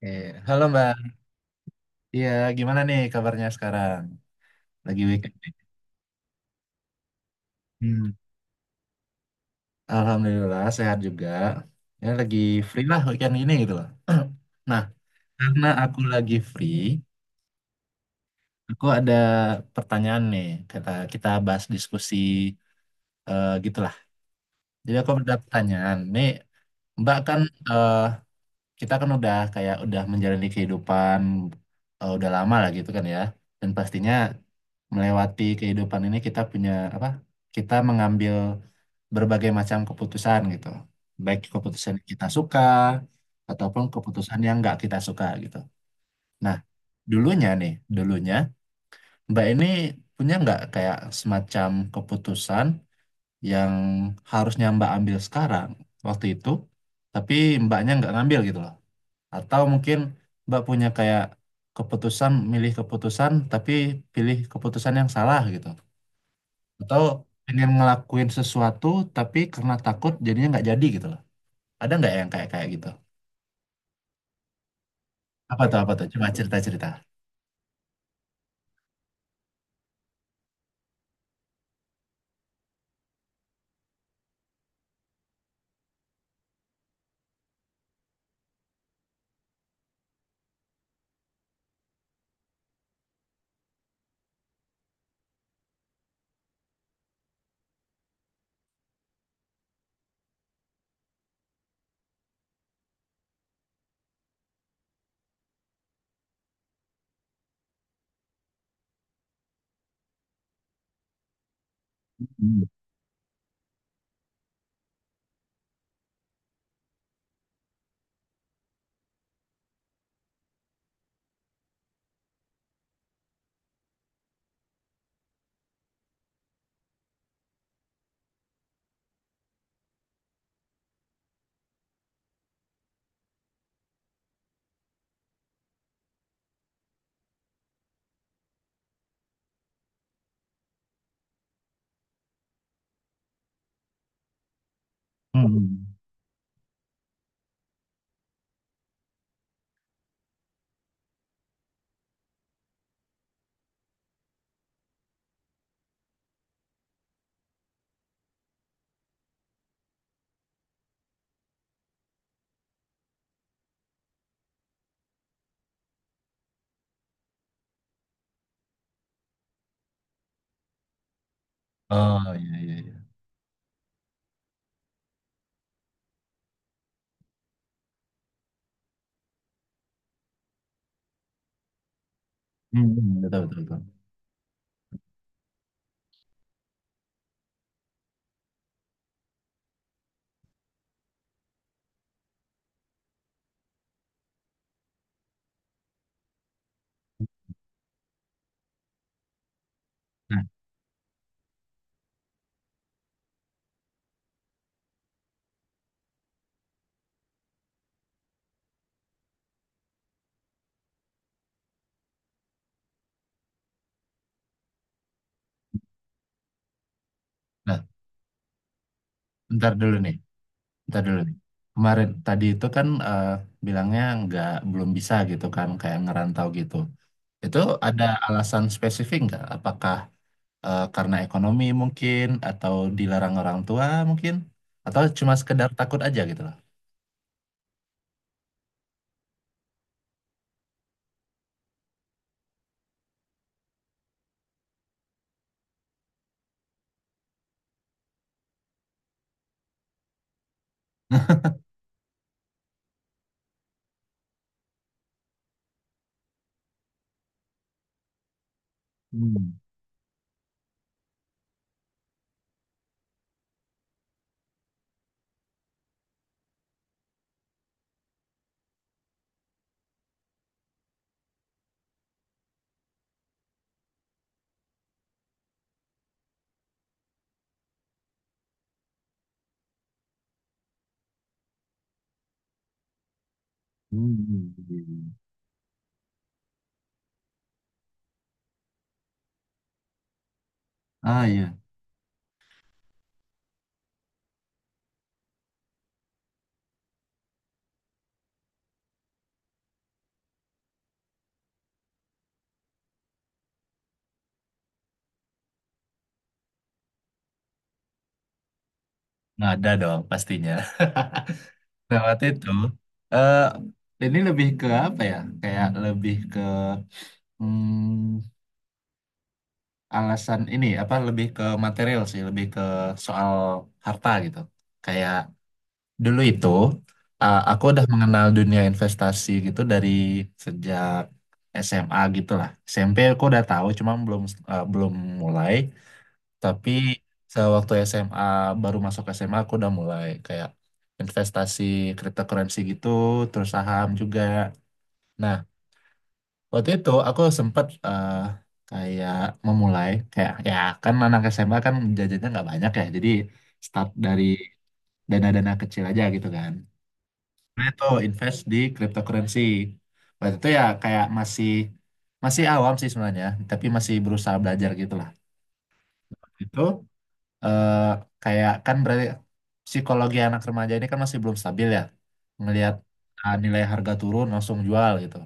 Halo Mbak. Iya, gimana nih kabarnya sekarang? Lagi weekend nih. Hmm, Alhamdulillah sehat juga. Ya lagi free lah weekend ini gitu loh. Nah, karena aku lagi free, aku ada pertanyaan nih. Kita kita bahas diskusi gitulah. Jadi aku ada pertanyaan. Nih, Mbak kan eh, kita kan udah kayak udah menjalani kehidupan udah lama lah gitu kan ya. Dan pastinya melewati kehidupan ini kita punya apa? Kita mengambil berbagai macam keputusan gitu. Baik keputusan yang kita suka ataupun keputusan yang nggak kita suka gitu. Nah, dulunya nih, dulunya Mbak ini punya nggak kayak semacam keputusan yang harusnya Mbak ambil sekarang waktu itu, tapi Mbaknya nggak ngambil gitu loh. Atau mungkin Mbak punya kayak keputusan, milih keputusan, tapi pilih keputusan yang salah gitu. Atau pengen ngelakuin sesuatu, tapi karena takut jadinya nggak jadi gitu loh. Ada nggak yang kayak kayak gitu? Apa tuh, apa tuh? Coba cerita-cerita. Hmm. Hmm. Oh, iya, iya, iya. Betul, betul, betul. Nah, nah, bentar dulu nih, bentar dulu nih. Kemarin tadi itu kan bilangnya nggak belum bisa gitu kan, kayak ngerantau gitu. Itu ada alasan spesifik nggak? Apakah karena ekonomi mungkin atau dilarang orang tua mungkin atau cuma sekedar takut aja gitu loh. Hmm. Hmm. Iya, iya. Ah, iya, nggak ada dong pastinya. Nah, waktu itu eh ini lebih ke apa ya? Kayak lebih ke hmm, alasan ini apa, lebih ke material sih, lebih ke soal harta gitu. Kayak dulu itu aku udah mengenal dunia investasi gitu dari sejak SMA gitu lah. SMP aku udah tahu, cuma belum belum mulai. Tapi sewaktu SMA, baru masuk SMA aku udah mulai kayak investasi cryptocurrency gitu, terus saham juga. Nah, waktu itu aku sempat kayak memulai, kayak ya kan anak SMA kan jajannya nggak banyak ya, jadi start dari dana-dana kecil aja gitu kan. Nah, itu invest di cryptocurrency. Waktu itu ya kayak masih masih awam sih sebenarnya, tapi masih berusaha belajar gitu lah. Itu eh, kayak kan berarti psikologi anak remaja ini kan masih belum stabil ya. Ngelihat nilai harga turun langsung jual gitu.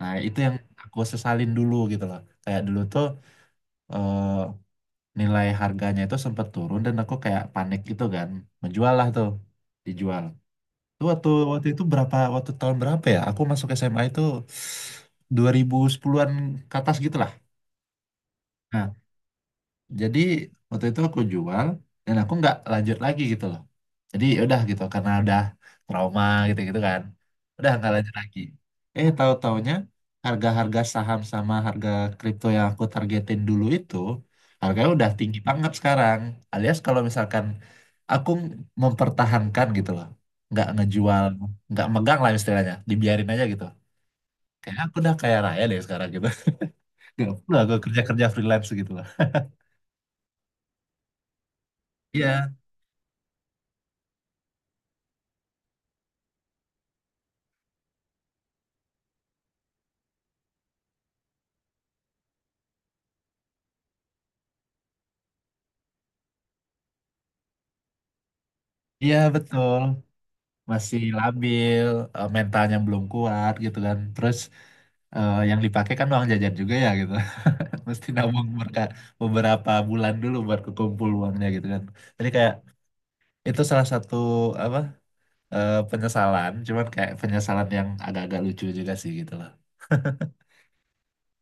Nah, itu yang aku sesalin dulu gitu loh. Kayak dulu tuh eh, nilai harganya itu sempat turun dan aku kayak panik gitu kan. Menjual lah tuh, dijual. Itu waktu waktu itu berapa, waktu tahun berapa ya? Aku masuk SMA itu 2010-an ke atas gitu lah. Nah, jadi waktu itu aku jual dan aku nggak lanjut lagi gitu loh, jadi ya udah gitu karena udah trauma gitu gitu kan, udah nggak lanjut lagi. Tahu-taunya, harga-harga saham sama harga kripto yang aku targetin dulu itu harganya udah tinggi banget sekarang, alias kalau misalkan aku mempertahankan gitu loh, nggak ngejual, nggak megang lah istilahnya, dibiarin aja gitu, kayaknya aku udah kaya raya deh sekarang gitu. Nggak perlu aku kerja-kerja freelance gitu loh. Iya, iya betul, masih labil, mentalnya belum kuat gitu kan. Terus yang dipakai kan uang jajan juga ya gitu. Mesti nabung beberapa bulan dulu buat kekumpul uangnya gitu kan. Jadi kayak itu salah satu apa, penyesalan, cuman kayak penyesalan yang agak-agak lucu juga sih gitu loh.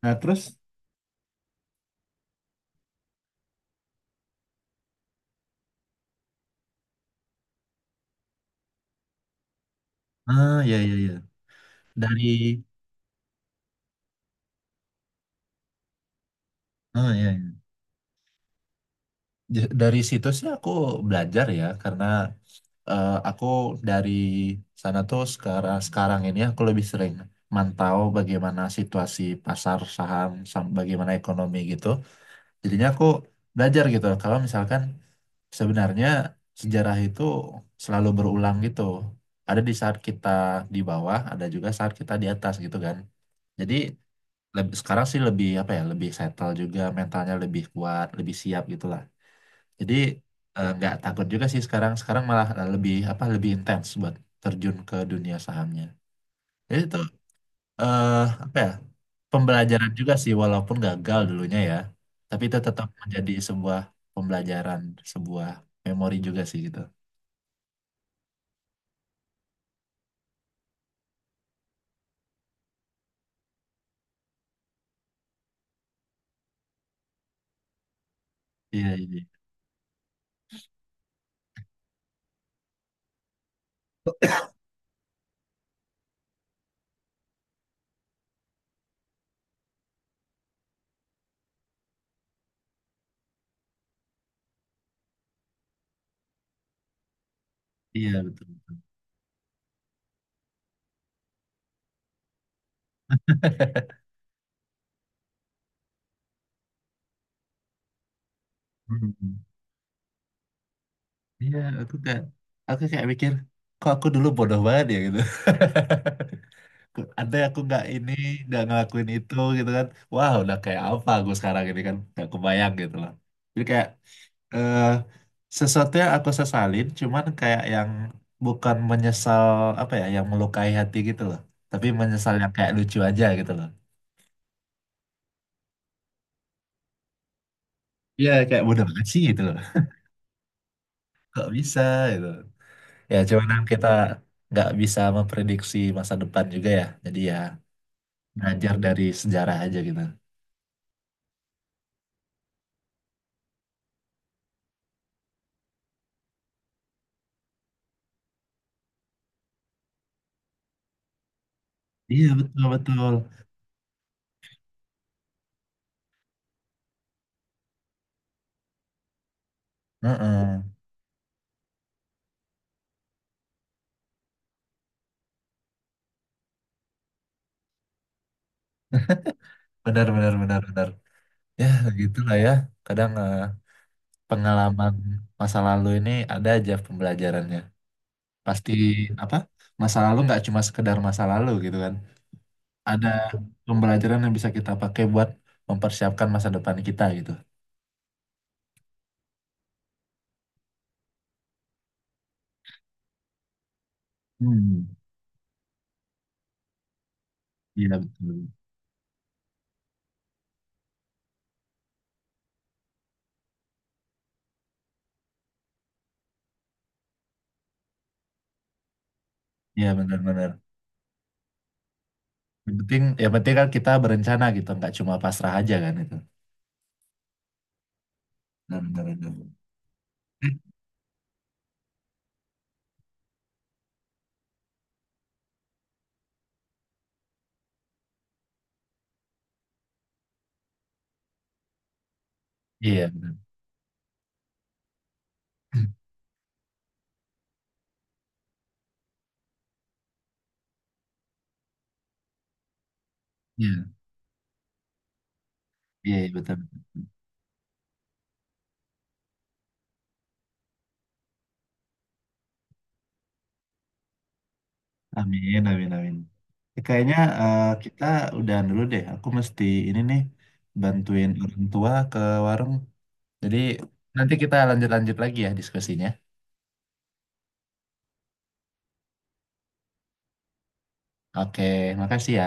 Nah terus, ah ya ya ya, dari, ah ya dari situ sih aku belajar ya karena aku dari sana tuh sekarang sekarang ini aku lebih sering mantau bagaimana situasi pasar saham, bagaimana ekonomi gitu. Jadinya aku belajar gitu, kalau misalkan sebenarnya sejarah itu selalu berulang gitu. Ada di saat kita di bawah, ada juga saat kita di atas gitu kan. Jadi sekarang sih lebih apa ya, lebih settle juga, mentalnya lebih kuat, lebih siap gitu, jadi nggak takut juga sih sekarang. Sekarang malah lebih apa, lebih intens buat terjun ke dunia sahamnya. Jadi itu eh, apa ya, pembelajaran juga sih walaupun gagal dulunya ya. Tapi itu tetap menjadi sebuah pembelajaran, sebuah memori juga sih gitu. Iya, iya, iya, betul, betul. Hmm. Iya, aku kayak mikir kok aku dulu bodoh banget ya gitu. Ada, aku nggak ini, nggak ngelakuin itu gitu kan. Wah, udah kayak apa aku sekarang ini kan. Nggak kebayang gitu loh. Jadi kayak eh, sesuatu yang aku sesalin, cuman kayak yang bukan menyesal apa ya, yang melukai hati gitu loh. Tapi menyesal yang kayak lucu aja gitu loh. Ya kayak bodoh banget sih gitu loh. Kok bisa gitu. Ya cuman kan kita nggak bisa memprediksi masa depan juga ya. Jadi ya belajar dari sejarah aja gitu. Iya betul betul. Heeh. Benar, benar, benar, benar. Ya, begitulah ya. Kadang pengalaman masa lalu ini ada aja pembelajarannya. Pasti apa? Masa lalu nggak cuma sekedar masa lalu gitu kan. Ada pembelajaran yang bisa kita pakai buat mempersiapkan masa depan kita gitu. Hmm, Iya betul. Iya benar-benar. Yang penting kan kita berencana gitu, nggak cuma pasrah aja kan itu. Benar-benar. Iya benar. Iya, iya betul. Amin, amin, amin. Kayaknya kita udahan dulu deh. Aku mesti ini nih bantuin orang tua ke warung. Jadi nanti kita lanjut-lanjut lagi ya diskusinya. Oke, makasih ya.